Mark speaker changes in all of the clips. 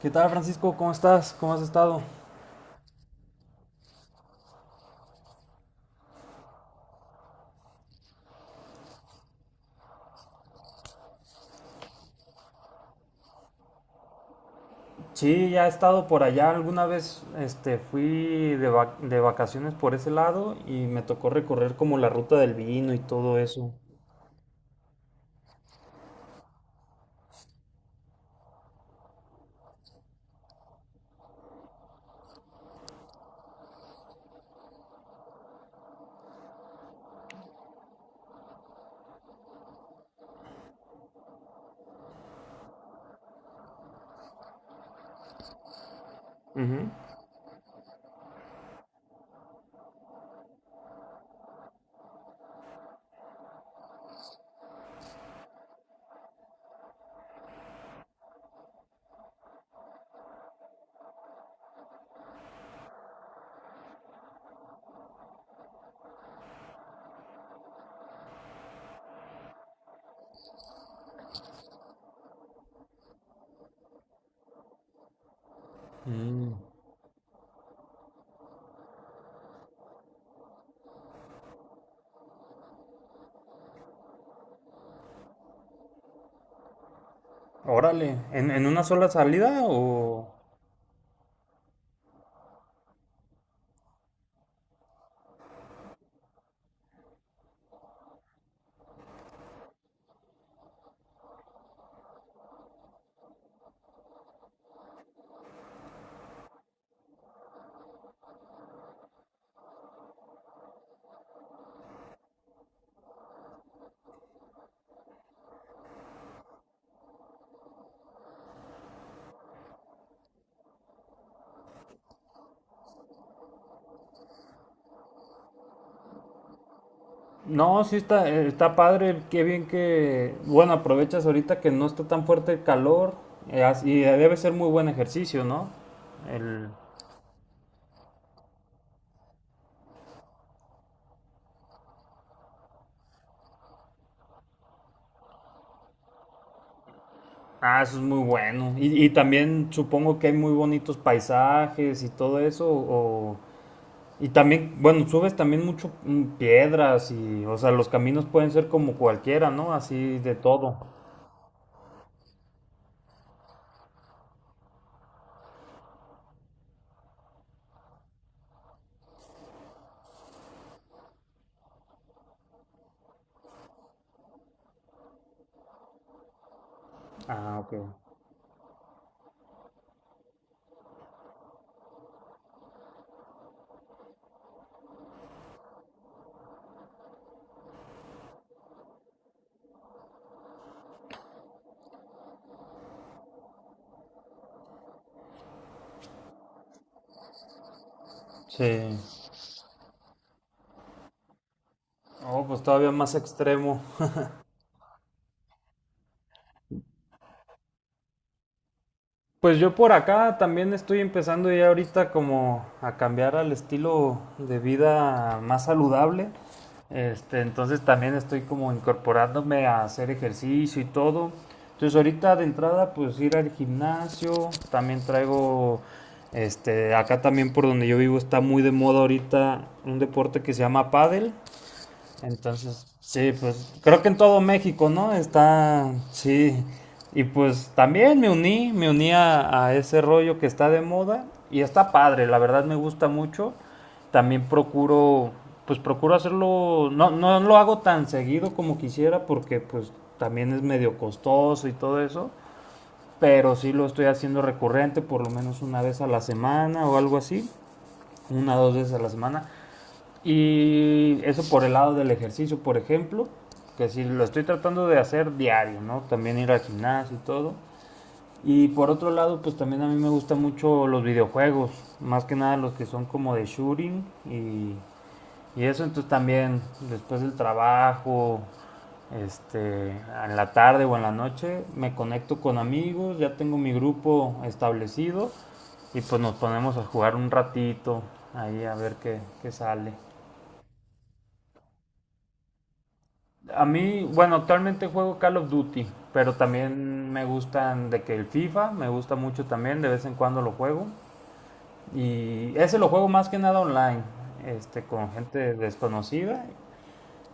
Speaker 1: ¿Qué tal, Francisco? ¿Cómo estás? ¿Cómo has estado? Sí, ya he estado por allá. Alguna vez fui de vacaciones por ese lado y me tocó recorrer como la ruta del vino y todo eso. Ujú. Mm. Órale, ¿en, en una sola salida o...? No, sí está, está padre, qué bien que... Bueno, aprovechas ahorita que no está tan fuerte el calor y debe ser muy buen ejercicio, ¿no? El... Ah, eso es muy bueno. Y también supongo que hay muy bonitos paisajes y todo eso. O, y también, bueno, subes también mucho piedras y, o sea, los caminos pueden ser como cualquiera, ¿no? Así de todo. Ah, ok. Sí. Oh, pues todavía más extremo. Pues yo por acá también estoy empezando ya ahorita como a cambiar al estilo de vida más saludable. Entonces también estoy como incorporándome a hacer ejercicio y todo. Entonces ahorita de entrada pues ir al gimnasio, también traigo acá también por donde yo vivo está muy de moda ahorita un deporte que se llama pádel. Entonces, sí, pues creo que en todo México, ¿no? Está, sí. Y pues también me uní a ese rollo que está de moda y está padre, la verdad me gusta mucho. También pues procuro hacerlo, no lo hago tan seguido como quisiera porque pues también es medio costoso y todo eso, pero sí lo estoy haciendo recurrente, por lo menos una vez a la semana o algo así, una o dos veces a la semana. Y eso por el lado del ejercicio, por ejemplo, que si lo estoy tratando de hacer diario, ¿no? También ir al gimnasio y todo. Y por otro lado, pues también a mí me gustan mucho los videojuegos, más que nada los que son como de shooting y eso, entonces también después del trabajo, este, en la tarde o en la noche, me conecto con amigos, ya tengo mi grupo establecido y pues nos ponemos a jugar un ratito ahí a ver qué, qué sale. A mí, bueno, actualmente juego Call of Duty, pero también me gustan de que el FIFA, me gusta mucho también, de vez en cuando lo juego. Y ese lo juego más que nada online, con gente desconocida.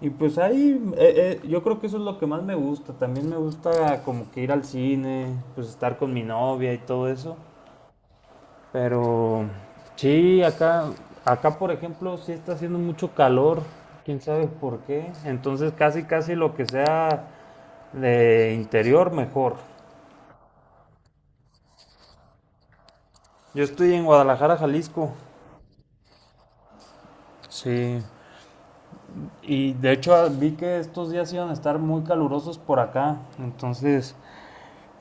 Speaker 1: Y pues ahí, yo creo que eso es lo que más me gusta. También me gusta como que ir al cine, pues estar con mi novia y todo eso. Pero sí, acá por ejemplo, sí está haciendo mucho calor, quién sabe por qué. Entonces casi, casi lo que sea de interior mejor. Yo estoy en Guadalajara, Jalisco. Sí. Y de hecho vi que estos días iban a estar muy calurosos por acá. Entonces,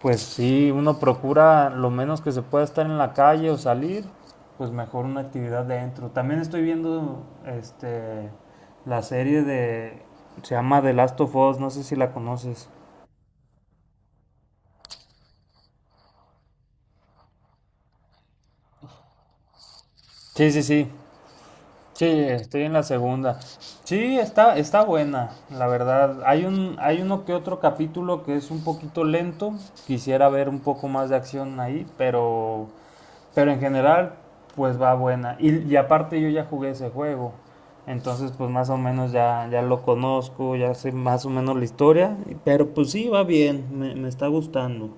Speaker 1: pues sí, uno procura lo menos que se pueda estar en la calle o salir, pues mejor una actividad dentro. También estoy viendo la serie de se llama The Last of Us, no sé si la conoces. Sí, sí, sí. Sí, estoy en la segunda. Sí, está buena, la verdad. Hay hay uno que otro capítulo que es un poquito lento. Quisiera ver un poco más de acción ahí, pero en general, pues va buena. Y aparte yo ya jugué ese juego. Entonces, pues más o menos ya lo conozco, ya sé más o menos la historia. Pero pues sí, va bien, me está gustando.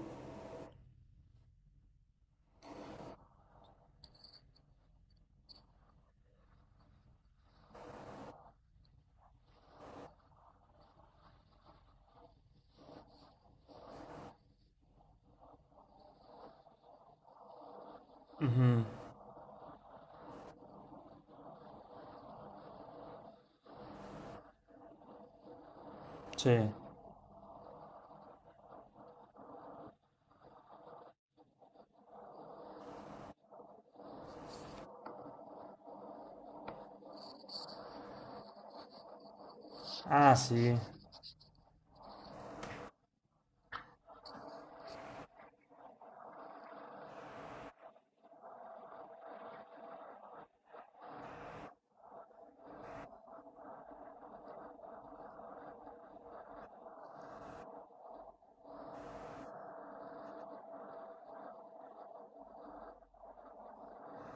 Speaker 1: Ujú. Sí. Ah, sí.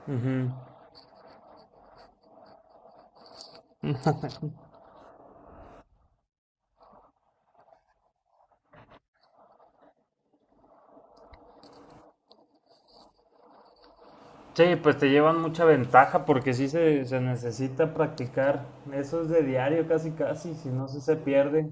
Speaker 1: Ujú. Sí, pues te llevan mucha ventaja porque sí se necesita practicar. Eso es de diario casi casi, si no se pierde.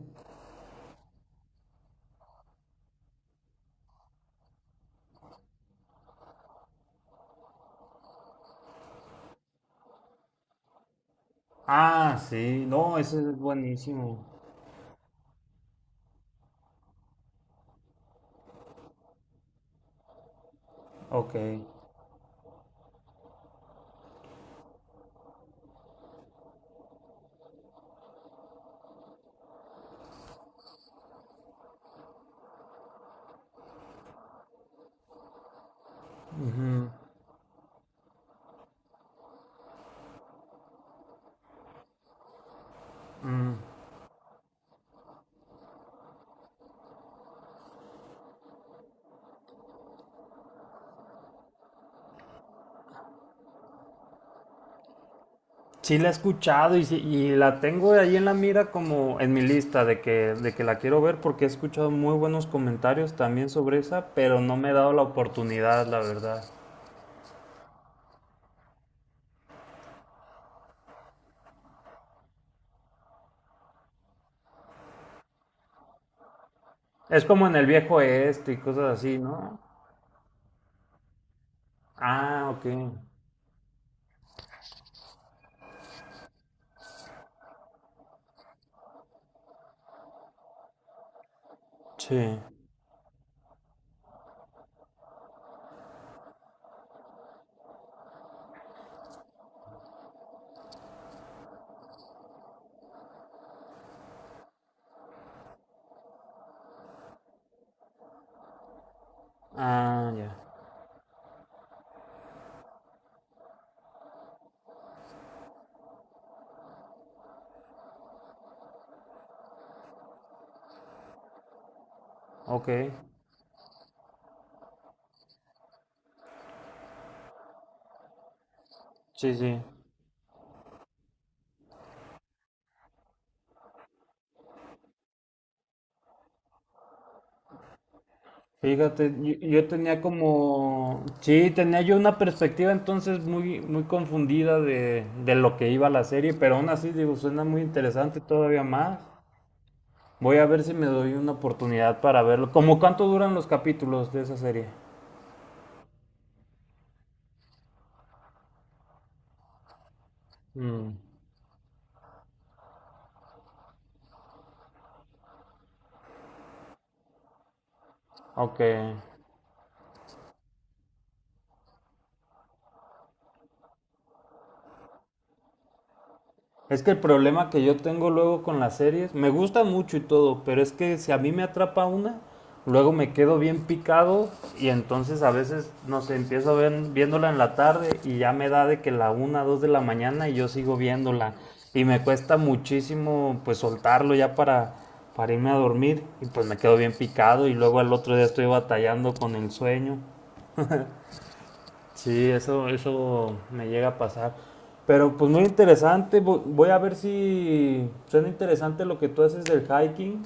Speaker 1: Ah, sí, no, eso es buenísimo. Ok. Ujú. Mm. Sí la he escuchado y, y la tengo ahí en la mira como en mi lista de de que la quiero ver porque he escuchado muy buenos comentarios también sobre esa, pero no me he dado la oportunidad, la verdad. Es como en el viejo este y cosas así, ¿no? Ah, ok. Sí. Ah, ya. Ok, sí, sí. Fíjate, yo tenía como, sí, tenía yo una perspectiva entonces muy, muy confundida de lo que iba la serie, pero aún así digo, suena muy interesante todavía más. Voy a ver si me doy una oportunidad para verlo. ¿Cómo cuánto duran los capítulos de esa serie? Mm, ok. Es que el problema que yo tengo luego con las series, me gusta mucho y todo, pero es que si a mí me atrapa una, luego me quedo bien picado y entonces a veces, no sé, empiezo viéndola en la tarde y ya me da de que la una, dos de la mañana y yo sigo viéndola. Y me cuesta muchísimo pues soltarlo ya para irme a dormir y pues me quedo bien picado y luego al otro día estoy batallando con el sueño. Sí, eso me llega a pasar. Pero pues muy interesante, voy a ver si suena interesante lo que tú haces del hiking.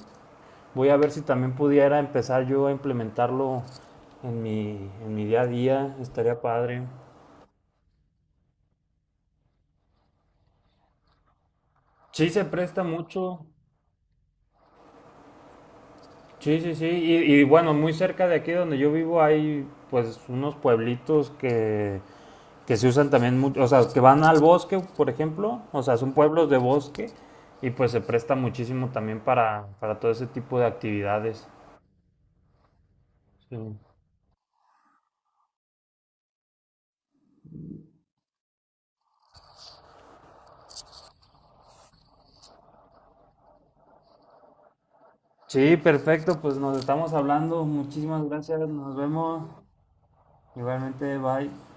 Speaker 1: Voy a ver si también pudiera empezar yo a implementarlo en en mi día a día, estaría padre. Sí, se presta mucho. Sí, sí, sí. Y bueno, muy cerca de aquí donde yo vivo hay pues unos pueblitos que se usan también mucho, o sea, que van al bosque, por ejemplo, o sea, son pueblos de bosque y pues se presta muchísimo también para todo ese tipo de actividades. Sí. Sí, perfecto, pues nos estamos hablando, muchísimas gracias, nos vemos, igualmente, bye.